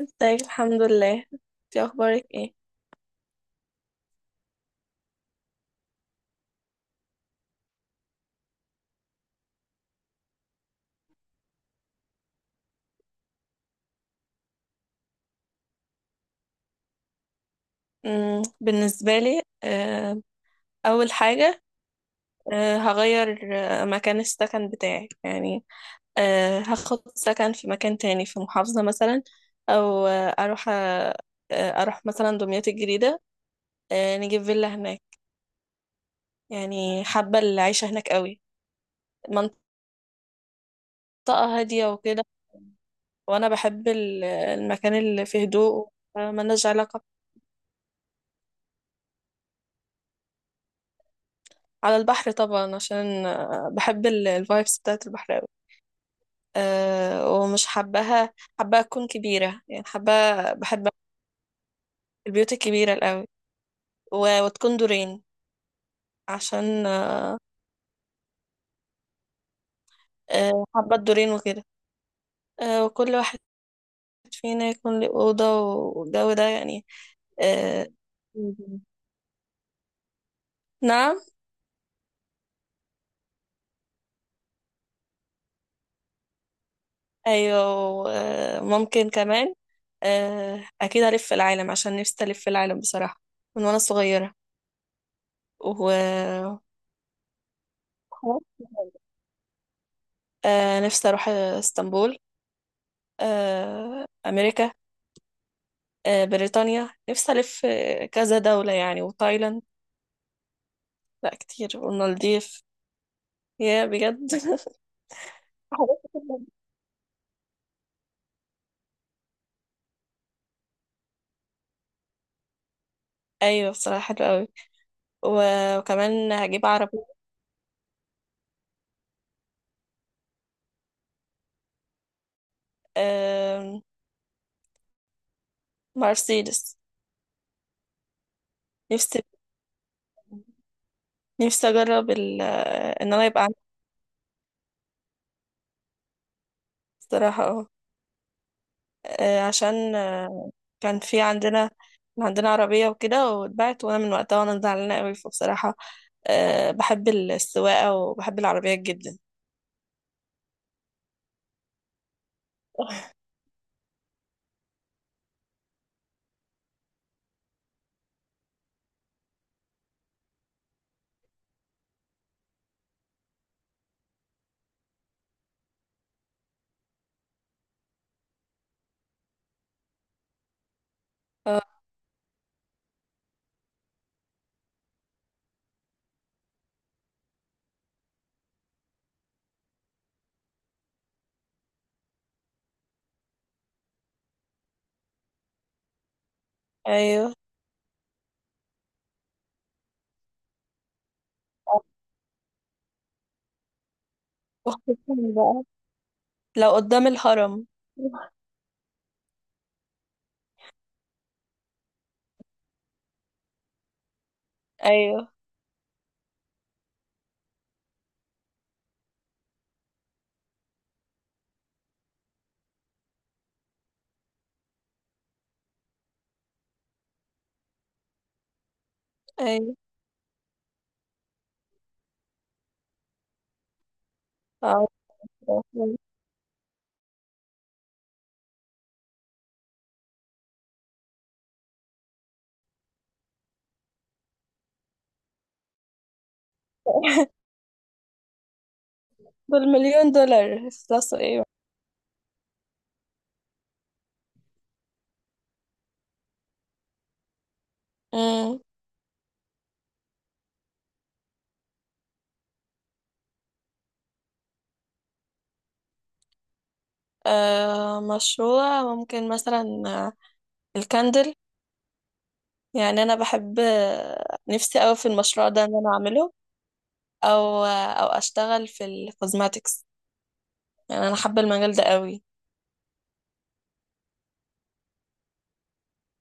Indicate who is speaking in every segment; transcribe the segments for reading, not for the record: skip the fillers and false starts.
Speaker 1: ازيك؟ الحمد لله. انتي اخبارك ايه؟ بالنسبه لي اول حاجه. هغير مكان السكن بتاعي يعني. هاخد سكن في مكان تاني في محافظه مثلا، او اروح مثلا دمياط الجديده. نجيب فيلا هناك. يعني حابه العيشه هناك قوي، منطقه هاديه وكده. وانا بحب المكان اللي فيه هدوء. ملناش علاقه. على البحر طبعا، عشان بحب الفايبس بتاعت البحر قوي. أه ومش حباها. حابة أكون كبيرة يعني، حابة. بحب البيوت الكبيرة الأوي، وتكون دورين، عشان أه آه، حابة الدورين وكده. أه وكل واحد فينا يكون له أوضة، والجو ده يعني. أه. نعم. أيوة. أه ممكن كمان، أه أكيد العالم، عشان نفسي ألف العالم بصراحة من وأنا صغيرة. و نفسي أروح اسطنبول، أمريكا، بريطانيا. نفسي ألف كذا دولة يعني، وتايلاند. لا كتير، والمالديف يا بجد. حاجات كتير جداً. أيوة بصراحة حلوة أوي. وكمان هجيب عربية. آم، مرسيدس. نفسي. نفسي أجرب إن أنا يبقى عندي. بصراحة اه. آه، عشان آه، كان في عندنا. كان عندنا عربية وكده واتباعت، وأنا من وقتها وأنا زعلانة أوي، فبصراحة بحب السواقة وبحب العربيات جدا. أيوه، وخصوصا بقى لو قدام الهرم. ايوه ايوه. عارفة. بالمليون دولار خلاص ايه. امم مشروع ممكن مثلا الكاندل. يعني انا بحب نفسي قوي في المشروع ده ان انا اعمله. او او اشتغل في الكوزماتكس. يعني انا حابه المجال ده قوي.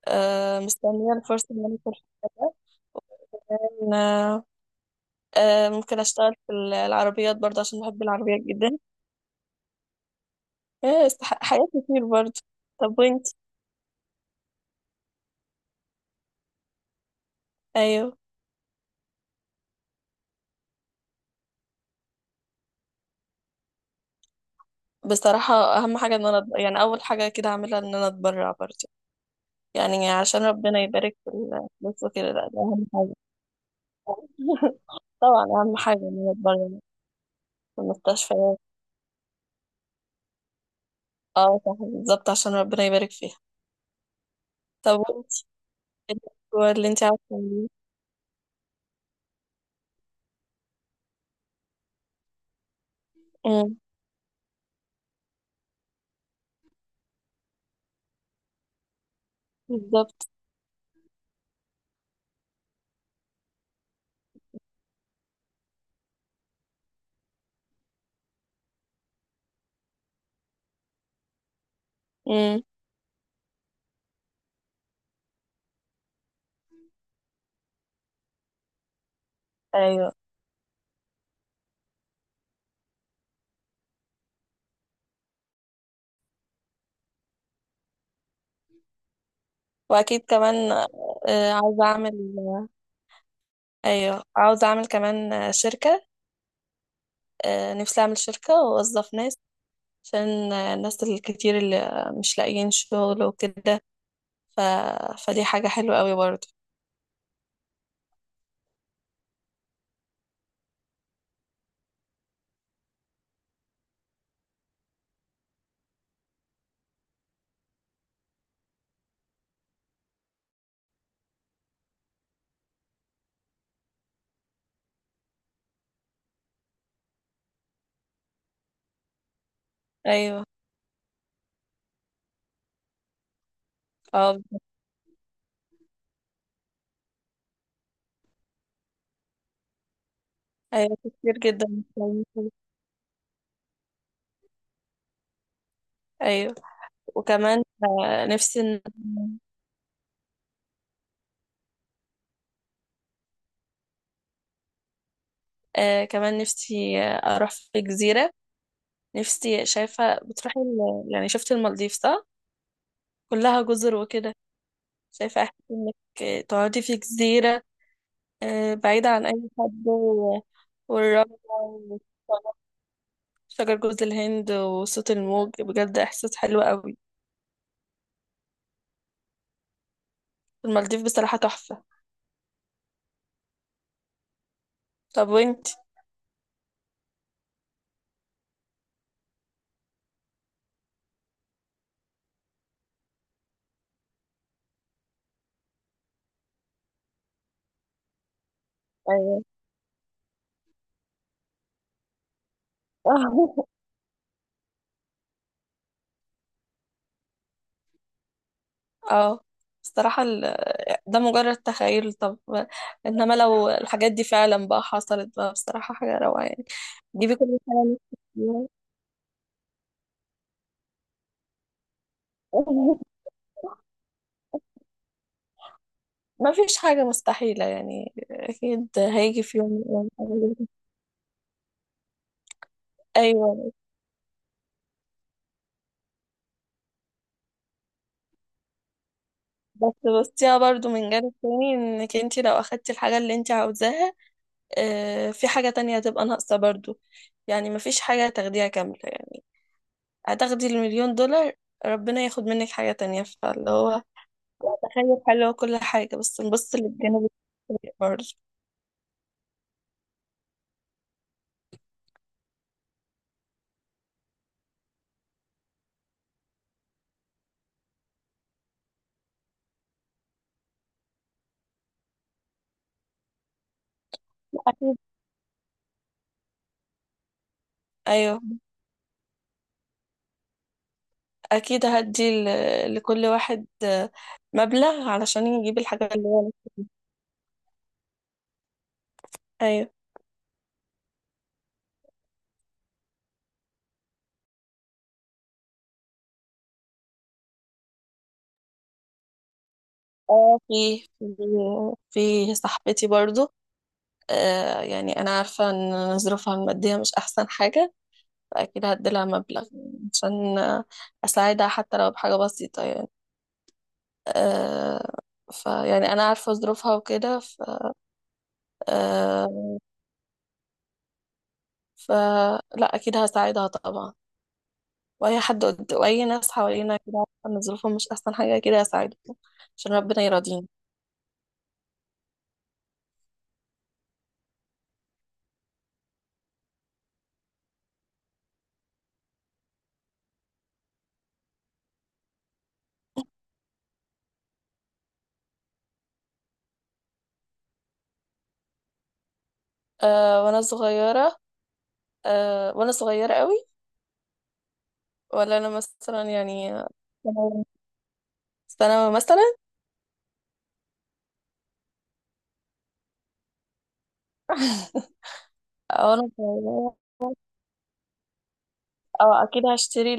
Speaker 1: مستنيه الفرصه ان انا اكون في المجال ده. كمان، ممكن اشتغل في العربيات برضه، عشان بحب العربيات جدا. حاجات كتير برضه. طب وانت؟ ايوه بصراحة اهم حاجة ان انا يعني اول حاجة كده اعملها ان انا اتبرع برضه. يعني عشان ربنا يبارك في الفلوس وكده. لا، ده اهم حاجة. طبعا اهم حاجة ان انا اتبرع في المستشفيات. اه صح بالظبط، عشان ربنا يبارك فيها. طب وانت؟ إيه هو اللي انت عاوزة تعمليه؟ أمم، بالظبط. أمم، ايوه. واكيد كمان عاوزة اعمل. ايوه عاوزة اعمل كمان شركة. نفسي اعمل شركة واوظف ناس، عشان الناس الكتير اللي مش لاقيين شغل وكده. ف... فدي حاجة حلوة قوي برضو. ايوه. اه ايوه كتير جدا مش لاقيين شغل. ايوه وكمان آه، نفسي إن- آه، كمان نفسي اروح في جزيرة. نفسي. شايفة بتروحي يعني شفت المالديف صح؟ كلها جزر وكده. شايفة احسن انك تقعدي في جزيرة بعيدة عن اي حد، والرملة، شجر جوز الهند وصوت الموج، بجد احساس حلو قوي. المالديف بصراحة تحفة. طب وانت؟ ايوه. اه بصراحة ده مجرد تخيل. طب انما لو الحاجات دي فعلا بقى حصلت، بقى بصراحة حاجة روعة يعني. جيبي كل حاجة نفسك فيها. ما فيش حاجة مستحيلة يعني، أكيد هيجي في يوم من الأيام. أيوة. بس بصيها برضو من جانب تاني، إنك انتي لو أخدتي الحاجة اللي انتي عاوزاها، في حاجة تانية هتبقى ناقصة برضو. يعني مفيش حاجة تاخديها كاملة يعني. هتاخدي المليون دولار، ربنا ياخد منك حاجة تانية، فاللي هو تخيل حلو كل حاجة، بس نبص للجانب السيء برضه. أكيد. أيوه أكيد هدي لكل واحد مبلغ، علشان يجيب الحاجة اللي هو نفسه فيها. أيوه. اه، في صاحبتي برضو. آه يعني أنا عارفة إن ظروفها المادية مش أحسن حاجة، أكيد هديلها مبلغ عشان أساعدها حتى لو بحاجة بسيطة يعني. أه فيعني أنا عارفة ظروفها وكده، ف أه فلا أكيد هساعدها طبعا. وأي ناس حوالينا كده عارفة إن ظروفهم مش أحسن حاجة كده هساعدهم، عشان ربنا يراضيني. أه وأنا صغيرة. أه وأنا صغيرة قوي. ولا أنا مثلا يعني ثانوي مثلا. أو أنا صغيرة. اه اكيد هشتري.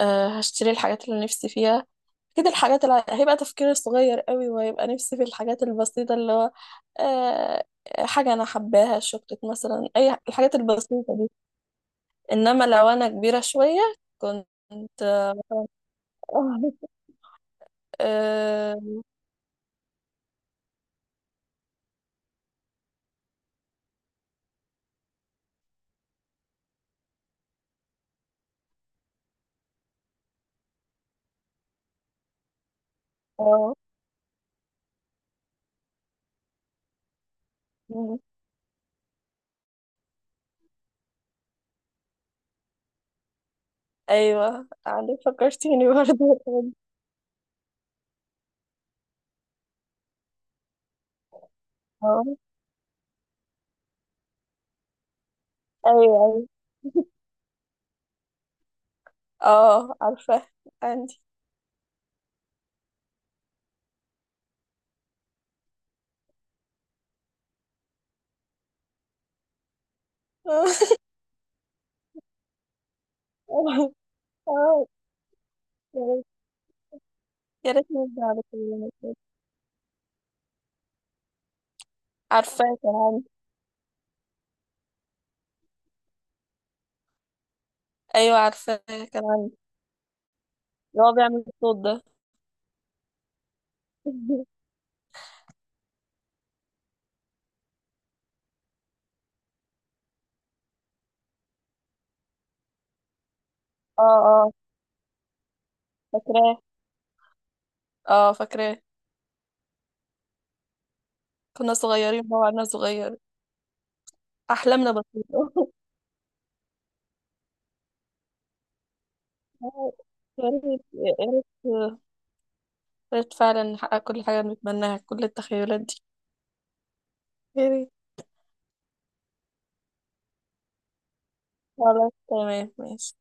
Speaker 1: أه هشتري الحاجات اللي نفسي فيها. اكيد الحاجات اللي هيبقى تفكيري صغير قوي، وهيبقى نفسي في الحاجات البسيطة. اللي هو أه حاجة انا حباها شوكليت مثلا، اي الحاجات البسيطة دي. انما لو انا كبيرة شوية كنت مثلا أه. آه، آه، مم. ايوه عارفة فكرتيني برضه. اه ايوه ايوه. اه عارفة. عندي. اه يا ريت. يا ريت نرجع لكلنا كده. عارفة كمان. ايوه عارفاه كان عندي اللي هو بيعمل الصوت ده. اه اه فاكراه. اه فاكراه. كنا صغيرين بقى وعنا صغير. احلامنا بسيطة. يا ريت يا ريت يا ريت فعلا نحقق كل حاجة بنتمناها، كل التخيلات دي. يا ريت. خلاص تمام ماشي.